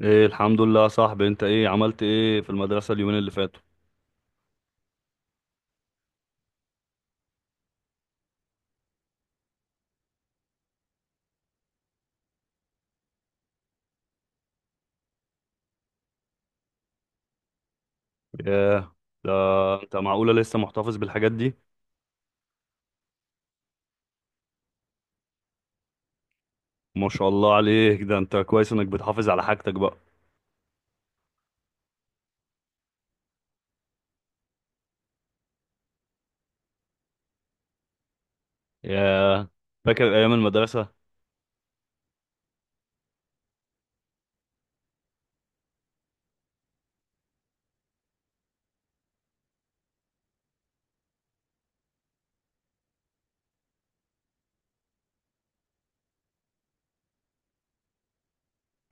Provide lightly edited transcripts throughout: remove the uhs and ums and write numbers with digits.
ايه، الحمد لله يا صاحبي. انت ايه عملت ايه في المدرسة اليومين اللي فاتوا؟ ياه، ده انت معقولة لسه محتفظ بالحاجات دي؟ ما شاء الله عليك، ده انت كويس انك بتحافظ على حاجتك بقى. ياه. فاكر ايام المدرسة؟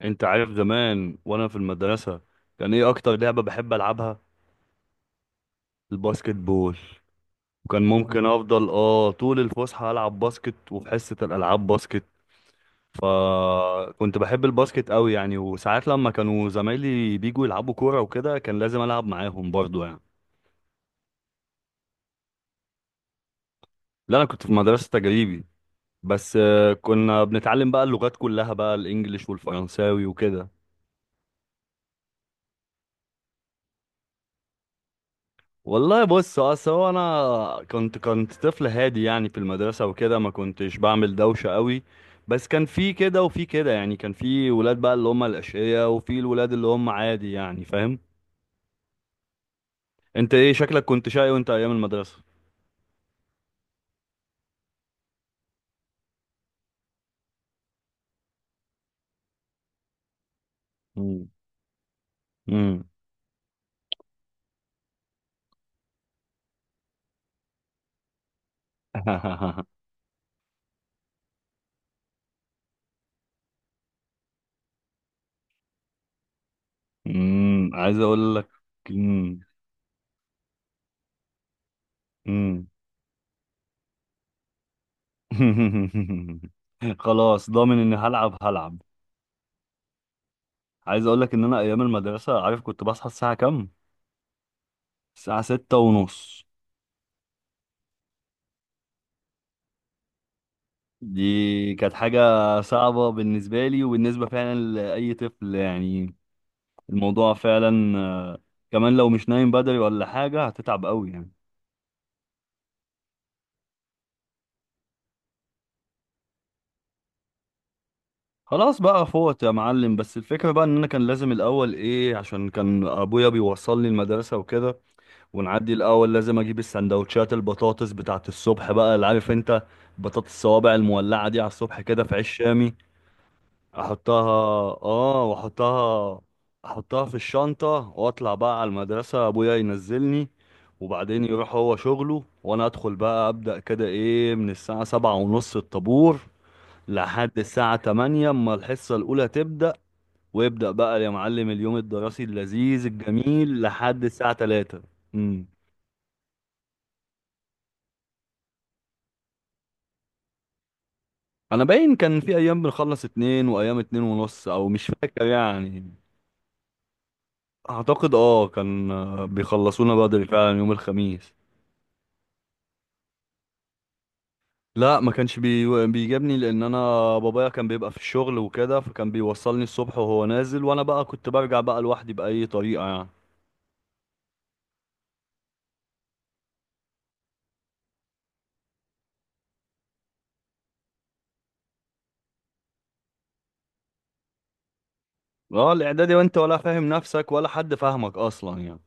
انت عارف زمان وانا في المدرسة كان ايه اكتر لعبة بحب العبها؟ الباسكت بول. وكان ممكن افضل اه طول الفسحة العب باسكت، وفي حصة الالعاب باسكت، فكنت بحب الباسكت قوي يعني. وساعات لما كانوا زمايلي بيجوا يلعبوا كورة وكده كان لازم ألعب معاهم برضو يعني. لا أنا كنت في مدرسة تجريبي، بس كنا بنتعلم بقى اللغات كلها بقى، الإنجليش والفرنساوي وكده. والله بص، أصل هو أنا كنت طفل هادي يعني في المدرسة وكده، ما كنتش بعمل دوشة قوي. بس كان في كده وفي كده يعني، كان في ولاد بقى اللي هم الأشقياء، وفي الولاد اللي هم عادي يعني، فاهم. انت ايه شكلك كنت شقي وانت ايام المدرسة؟ امم. عايز اقول لك. امم. امم. خلاص ضامن اني هلعب هلعب. عايز اقول لك ان انا ايام المدرسه، عارف كنت بصحى الساعه كام؟ الساعه ستة ونص. دي كانت حاجه صعبه بالنسبه لي وبالنسبه فعلا لاي طفل يعني. الموضوع فعلا كمان لو مش نايم بدري ولا حاجه هتتعب قوي يعني. خلاص بقى فوت يا معلم، بس الفكره بقى ان انا كان لازم الاول ايه، عشان كان ابويا بيوصلني المدرسه وكده، ونعدي الاول لازم اجيب السندوتشات، البطاطس بتاعت الصبح بقى اللي عارف انت، بطاطس الصوابع المولعه دي على الصبح كده في عيش شامي. احطها. اه واحطها. احطها في الشنطه واطلع بقى على المدرسه، ابويا ينزلني، وبعدين يروح هو شغله، وانا ادخل بقى ابدا كده ايه من الساعه سبعة ونص الطابور لحد الساعه تمانية اما الحصه الاولى تبدا، ويبدا بقى يا معلم اليوم الدراسي اللذيذ الجميل لحد الساعه تلاتة. امم. انا باين كان في ايام بنخلص اتنين، وايام اتنين ونص، او مش فاكر يعني. اعتقد اه كان بيخلصونا بدري فعلا يوم الخميس. لا ما كانش بيجابني، لان انا بابايا كان بيبقى في الشغل وكده، فكان بيوصلني الصبح وهو نازل، وانا بقى كنت برجع بقى لوحدي باي طريقه يعني. اه الاعدادي، وانت ولا فاهم نفسك ولا حد فاهمك اصلا يعني.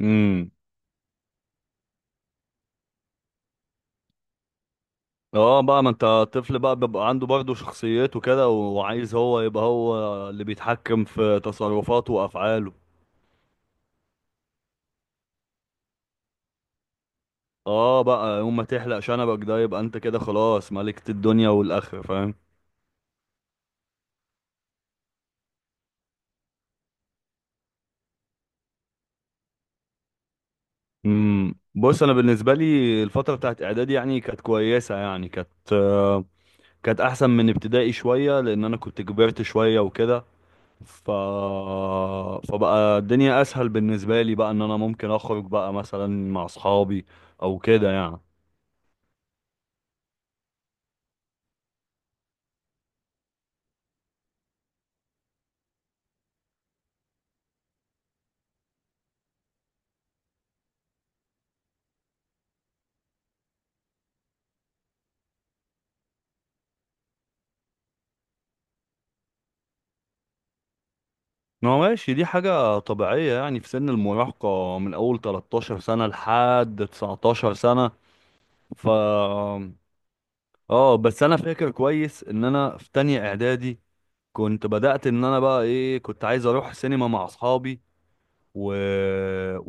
امم. اه بقى، ما انت طفل بقى بيبقى عنده برضه شخصيته كده، وعايز هو يبقى هو اللي بيتحكم في تصرفاته وافعاله. اه بقى يوم ما تحلق شنبك ده يبقى انت كده خلاص ملكت الدنيا والاخره، فاهم. امم. بص انا بالنسبه لي الفتره بتاعت اعدادي يعني كانت كويسه يعني. كانت احسن من ابتدائي شويه، لان انا كنت كبرت شويه وكده. ف فبقى الدنيا اسهل بالنسبه لي بقى، ان انا ممكن اخرج بقى مثلا مع اصحابي، او كده يعني. ما هو ماشي، دي حاجة طبيعية يعني في سن المراهقة من أول 13 سنة لحد 19 سنة. ف اه بس انا فاكر كويس ان انا في تانية اعدادي كنت بدأت ان انا بقى ايه، كنت عايز اروح سينما مع اصحابي و...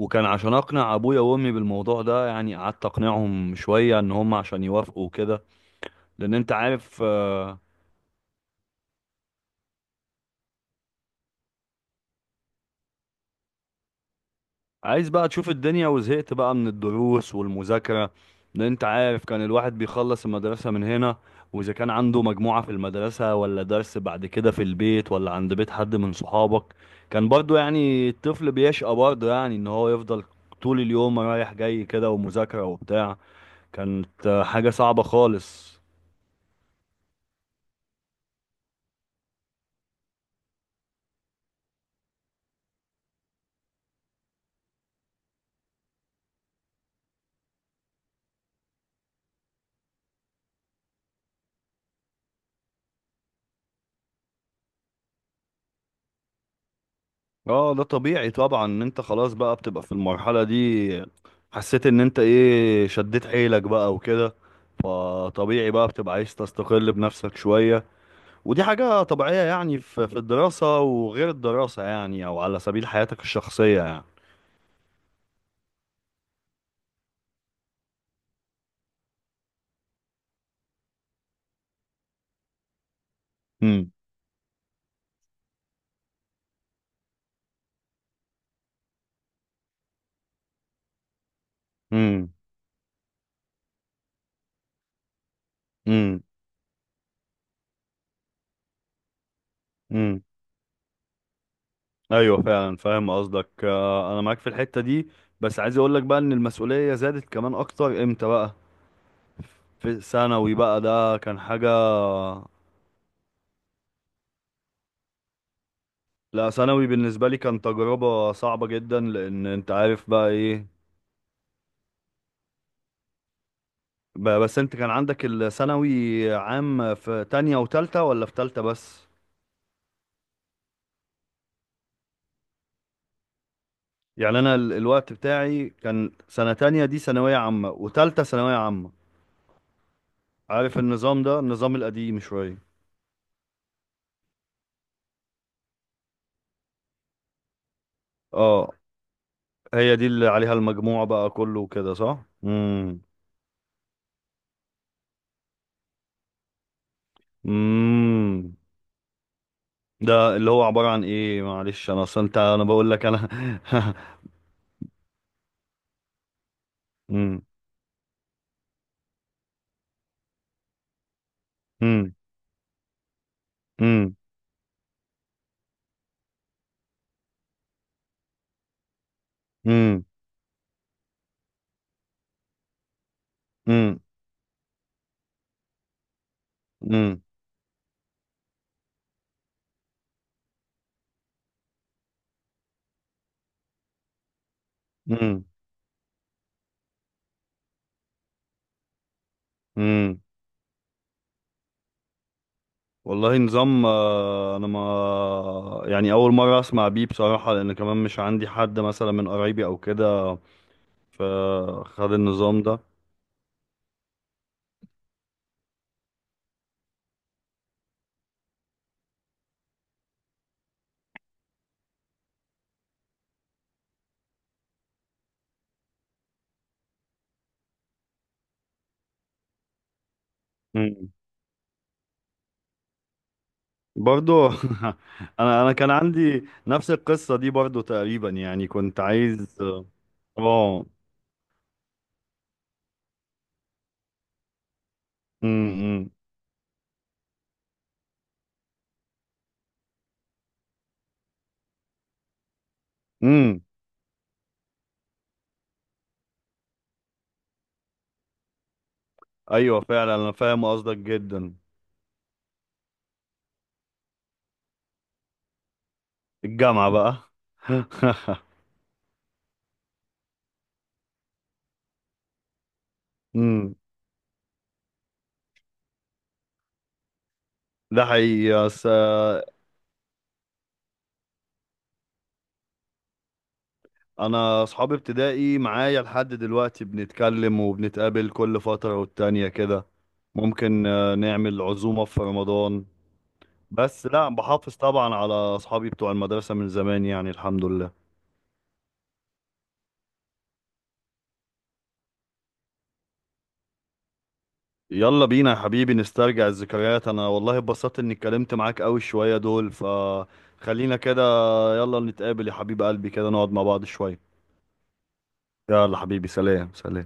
وكان عشان اقنع ابويا وامي بالموضوع ده يعني، قعدت اقنعهم شوية ان هم عشان يوافقوا وكده، لان انت عارف عايز بقى تشوف الدنيا، وزهقت بقى من الدروس والمذاكرة. لان انت عارف كان الواحد بيخلص المدرسة من هنا، واذا كان عنده مجموعة في المدرسة، ولا درس بعد كده في البيت، ولا عند بيت حد من صحابك، كان برضو يعني الطفل بيشقى برضو يعني، ان هو يفضل طول اليوم رايح جاي كده، ومذاكرة وبتاع. كانت حاجة صعبة خالص. اه، ده طبيعي طبعا ان انت خلاص بقى بتبقى في المرحلة دي، حسيت ان انت ايه شديت حيلك بقى وكده، فطبيعي بقى بتبقى عايز تستقل بنفسك شوية. ودي حاجة طبيعية يعني، في الدراسة وغير الدراسة يعني، او على سبيل حياتك الشخصية يعني. امم. امم. امم. امم. ايوه فعلا، فاهم قصدك. انا معاك في الحتة دي. بس عايز اقول لك بقى ان المسؤولية زادت كمان اكتر امتى بقى؟ في ثانوي بقى، ده كان حاجة. لا، ثانوي بالنسبة لي كان تجربة صعبة جدا، لأن أنت عارف بقى إيه. بس أنت كان عندك الثانوي عام في تانية وتالتة، ولا في تالتة بس؟ يعني أنا الوقت بتاعي كان سنة تانية دي ثانوية عامة، وتالتة ثانوية عامة. عارف النظام ده، النظام القديم شوية. اه. هي دي اللي عليها المجموع بقى كله وكده صح؟ امم. امم. ده اللي هو عبارة عن إيه؟ معلش أنا أصلا أنت أنا بقول لك أنا. امم. امم. امم. امم. امم. امم. امم. والله نظام، انا ما يعني اول مره اسمع بيه بصراحه، لان كمان مش عندي حد مثلا من قرايبي او كده فخد النظام ده. امم. برضو. انا كان عندي نفس القصه دي برضو تقريبا يعني، كنت عايز اه. امم. امم. ايوه فعلا، انا فاهم قصدك جدا. الجامعه بقى. امم. ده حقيقي بس آه. انا اصحابي ابتدائي معايا لحد دلوقتي، بنتكلم وبنتقابل كل فترة والتانية كده. ممكن نعمل عزومة في رمضان. بس لا، بحافظ طبعا على اصحابي بتوع المدرسة من زمان يعني، الحمد لله. يلا بينا يا حبيبي نسترجع الذكريات، انا والله اتبسطت اني اتكلمت معاك قوي شوية دول، فخلينا كده. يلا نتقابل يا حبيب قلبي كده نقعد مع بعض شوية. يلا حبيبي، سلام سلام.